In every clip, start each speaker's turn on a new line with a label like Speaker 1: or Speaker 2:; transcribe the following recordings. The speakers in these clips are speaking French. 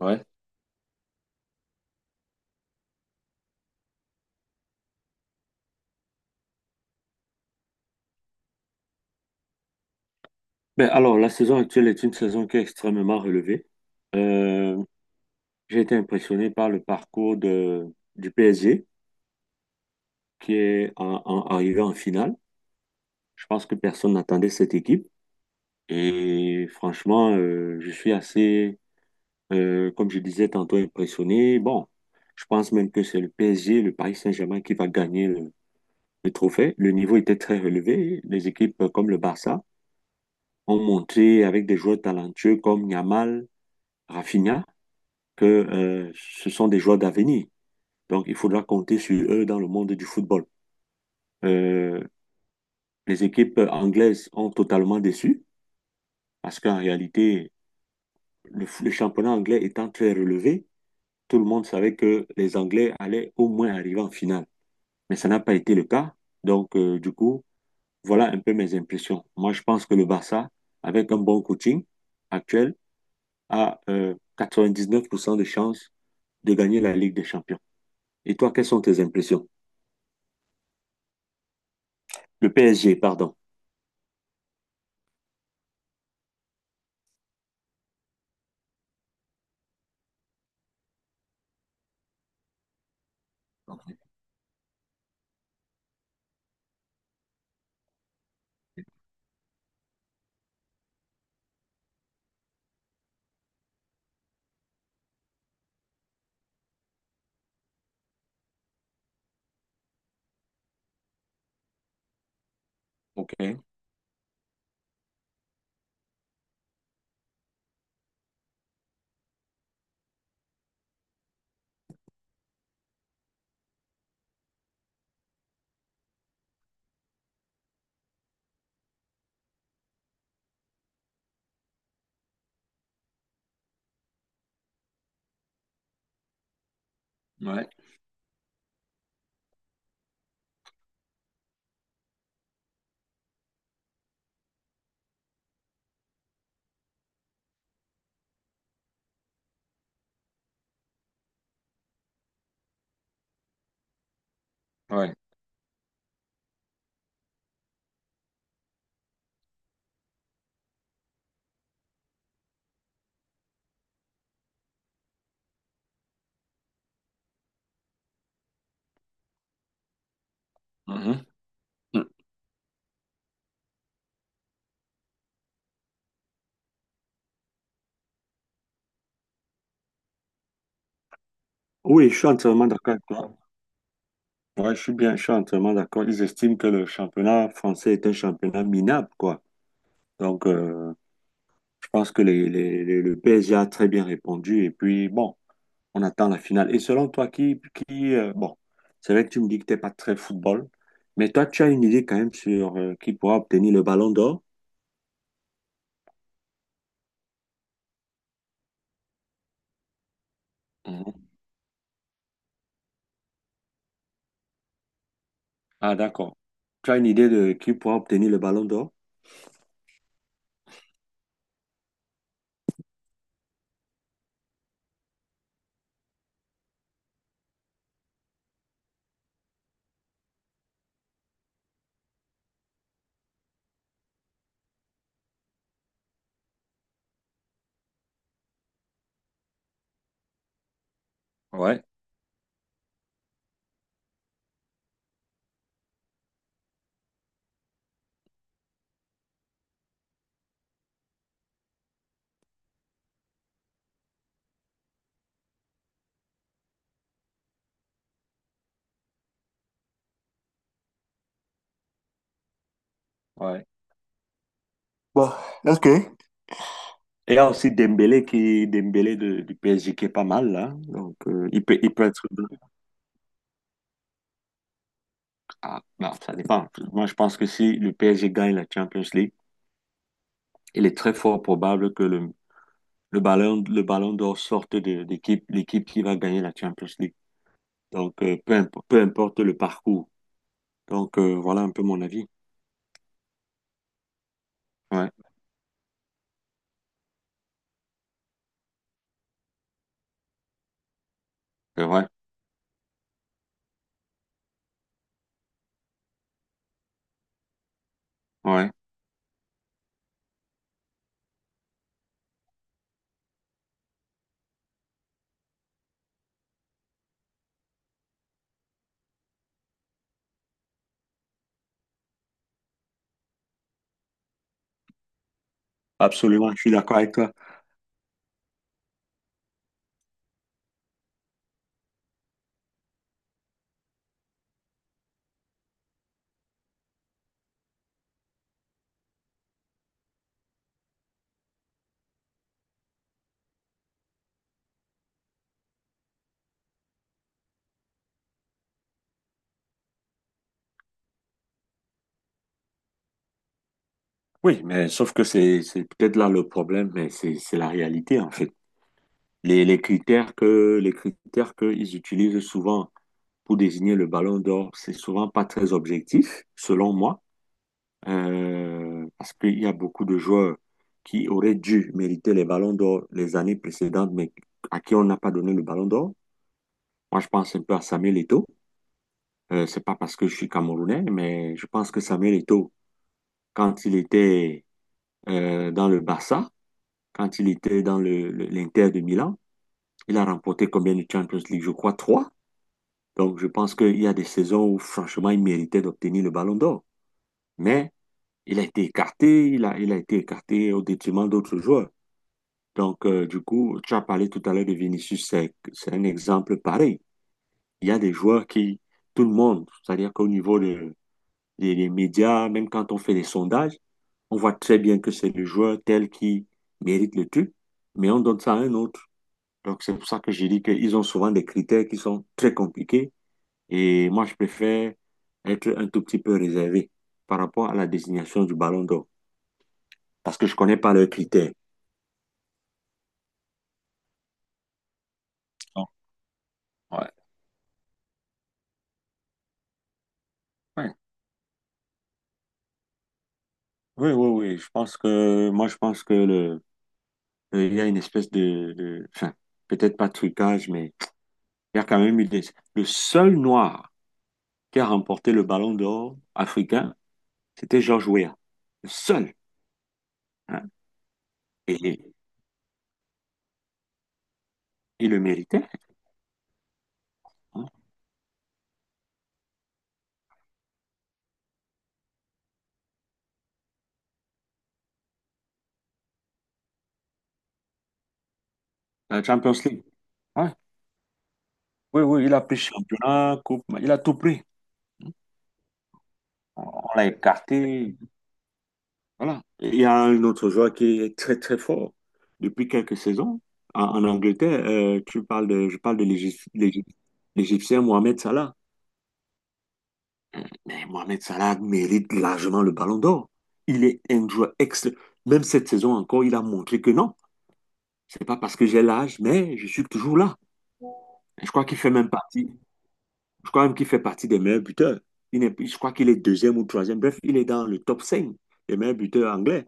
Speaker 1: Ouais. Alors, la saison actuelle est une saison qui est extrêmement relevée. Euh, j'ai été impressionné par le parcours du PSG qui est arrivé en finale. Je pense que personne n'attendait cette équipe. Et franchement, je suis assez, comme je disais tantôt, impressionné. Bon, je pense même que c'est le PSG, le Paris Saint-Germain qui va gagner le trophée. Le niveau était très relevé. Les équipes comme le Barça ont montré avec des joueurs talentueux comme Yamal, Rafinha. Que ce sont des joueurs d'avenir. Donc, il faudra compter sur eux dans le monde du football. Euh, les équipes anglaises ont totalement déçu, parce qu'en réalité, le championnat anglais étant très relevé, tout le monde savait que les Anglais allaient au moins arriver en finale. Mais ça n'a pas été le cas. Donc, du coup, voilà un peu mes impressions. Moi, je pense que le Barça, avec un bon coaching actuel, a 99% de chances de gagner la Ligue des Champions. Et toi, quelles sont tes impressions? Le PSG, pardon. OK. Ouais. Mhm. Mm. Oui, je suis entièrement d'accord avec toi. Ouais, je suis entièrement d'accord. Ils estiment que le championnat français est un championnat minable, quoi. Donc, je pense que le PSG a très bien répondu. Et puis, bon, on attend la finale. Et selon toi, qui bon, c'est vrai que tu me dis que t'es pas très football, mais toi, tu as une idée quand même sur qui pourra obtenir le ballon d'or? Mhm. Ah, d'accord. Tu as une idée de qui pourra obtenir le ballon d'or? Ouais, ouais. Bon, ok. Il y a aussi Dembélé du PSG qui est pas mal là. Donc il peut être bon. Ah, non, ça dépend. Moi je pense que si le PSG gagne la Champions League, il est très fort probable que le ballon d'or sorte de l'équipe qui va gagner la Champions League. Donc peu importe le parcours. Donc voilà un peu mon avis. Ouais, c'est vrai. Ouais. Absolument, je suis d'accord avec toi. Oui, mais sauf que c'est peut-être là le problème, mais c'est la réalité en fait. Les critères qu'ils utilisent souvent pour désigner le ballon d'or, c'est souvent pas très objectif, selon moi, parce qu'il y a beaucoup de joueurs qui auraient dû mériter les ballons d'or les années précédentes, mais à qui on n'a pas donné le ballon d'or. Moi, je pense un peu à Samuel Eto'o. C'est pas parce que je suis Camerounais, mais je pense que Samuel Eto'o, quand il était dans le Barça, quand il était dans l'Inter de Milan, il a remporté combien de Champions League? Je crois 3. Donc, je pense qu'il y a des saisons où, franchement, il méritait d'obtenir le ballon d'or. Mais il a été écarté, il a été écarté au détriment d'autres joueurs. Donc, du coup, tu as parlé tout à l'heure de Vinicius, c'est un exemple pareil. Il y a des joueurs qui, tout le monde, c'est-à-dire qu'au niveau des médias, même quand on fait des sondages, on voit très bien que c'est le joueur tel qui mérite le truc, mais on donne ça à un autre. Donc, c'est pour ça que j'ai dit qu'ils ont souvent des critères qui sont très compliqués. Et moi, je préfère être un tout petit peu réservé par rapport à la désignation du Ballon d'Or parce que je connais pas leurs critères. Non. Ouais. Ouais. Oui, oui, oui. Moi, je pense que il y a une espèce enfin, peut-être pas de trucage, mais il y a quand même eu, le seul noir qui a remporté le Ballon d'Or africain, c'était George Weah. Le seul. Hein. Et il le méritait. Hein. La Champions League. Ouais. Oui, oui, il a pris championnat, coupe, il a tout pris. On l'a écarté. Voilà. Il y a un autre joueur qui est très très fort depuis quelques saisons en, en Angleterre. Euh, tu parles de, je parle de l'Égyp- l'Égyp- l'Égyptien Mohamed Salah. Mais Mohamed Salah mérite largement le Ballon d'Or. Il est un joueur excellent. Même cette saison encore, il a montré que non, c'est pas parce que j'ai l'âge, mais je suis toujours là. Et je crois qu'il fait même partie. Je crois même qu'il fait partie des meilleurs buteurs. Il n'est- Je crois qu'il est deuxième ou troisième. Bref, il est dans le top 5 des meilleurs buteurs anglais.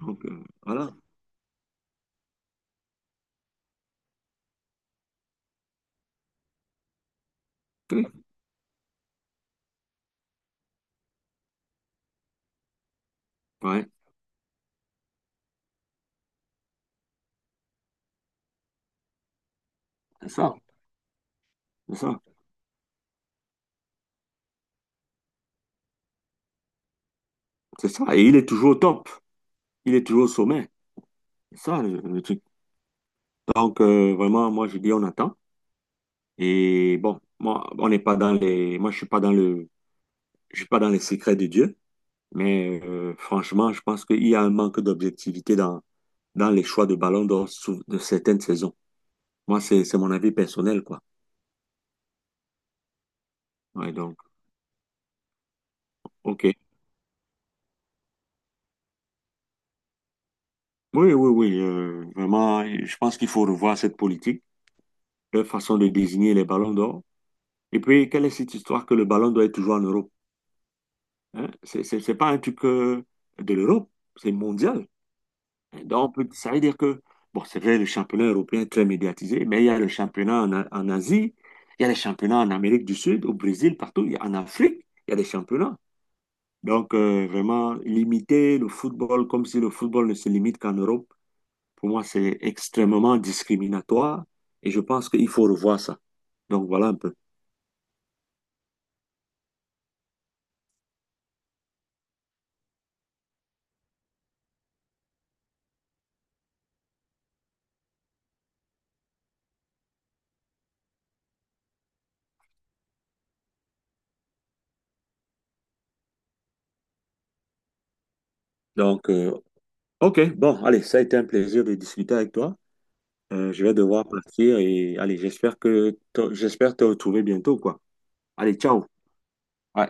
Speaker 1: Donc voilà. Oui, ouais, c'est ça. C'est ça, c'est ça. Et il est toujours au top. Il est toujours au sommet. C'est ça le truc. Donc, vraiment, moi, je dis, on attend. Et bon, moi, on n'est pas dans les. Moi, je suis pas dans le. je suis pas dans les secrets de Dieu. Mais franchement, je pense qu'il y a un manque d'objectivité dans les choix de ballon d'or de certaines saisons. Moi, c'est mon avis personnel, quoi. Ouais, donc, OK. Oui, oui, oui. Vraiment, je pense qu'il faut revoir cette politique, leur façon de désigner les ballons d'or. Et puis, quelle est cette histoire que le ballon d'or est toujours en Europe? Hein, c'est pas un truc de l'Europe, c'est mondial. Ça veut dire que, bon, c'est vrai, le championnat européen est très médiatisé, mais il y a le championnat en Asie, il y a les championnats en Amérique du Sud, au Brésil, partout, en Afrique, il y a des championnats. Donc, vraiment, limiter le football comme si le football ne se limite qu'en Europe, pour moi, c'est extrêmement discriminatoire et je pense qu'il faut revoir ça. Donc, voilà un peu. Donc, OK, bon, allez, ça a été un plaisir de discuter avec toi. Je vais devoir partir et allez, j'espère te retrouver bientôt, quoi. Allez, ciao. Ouais.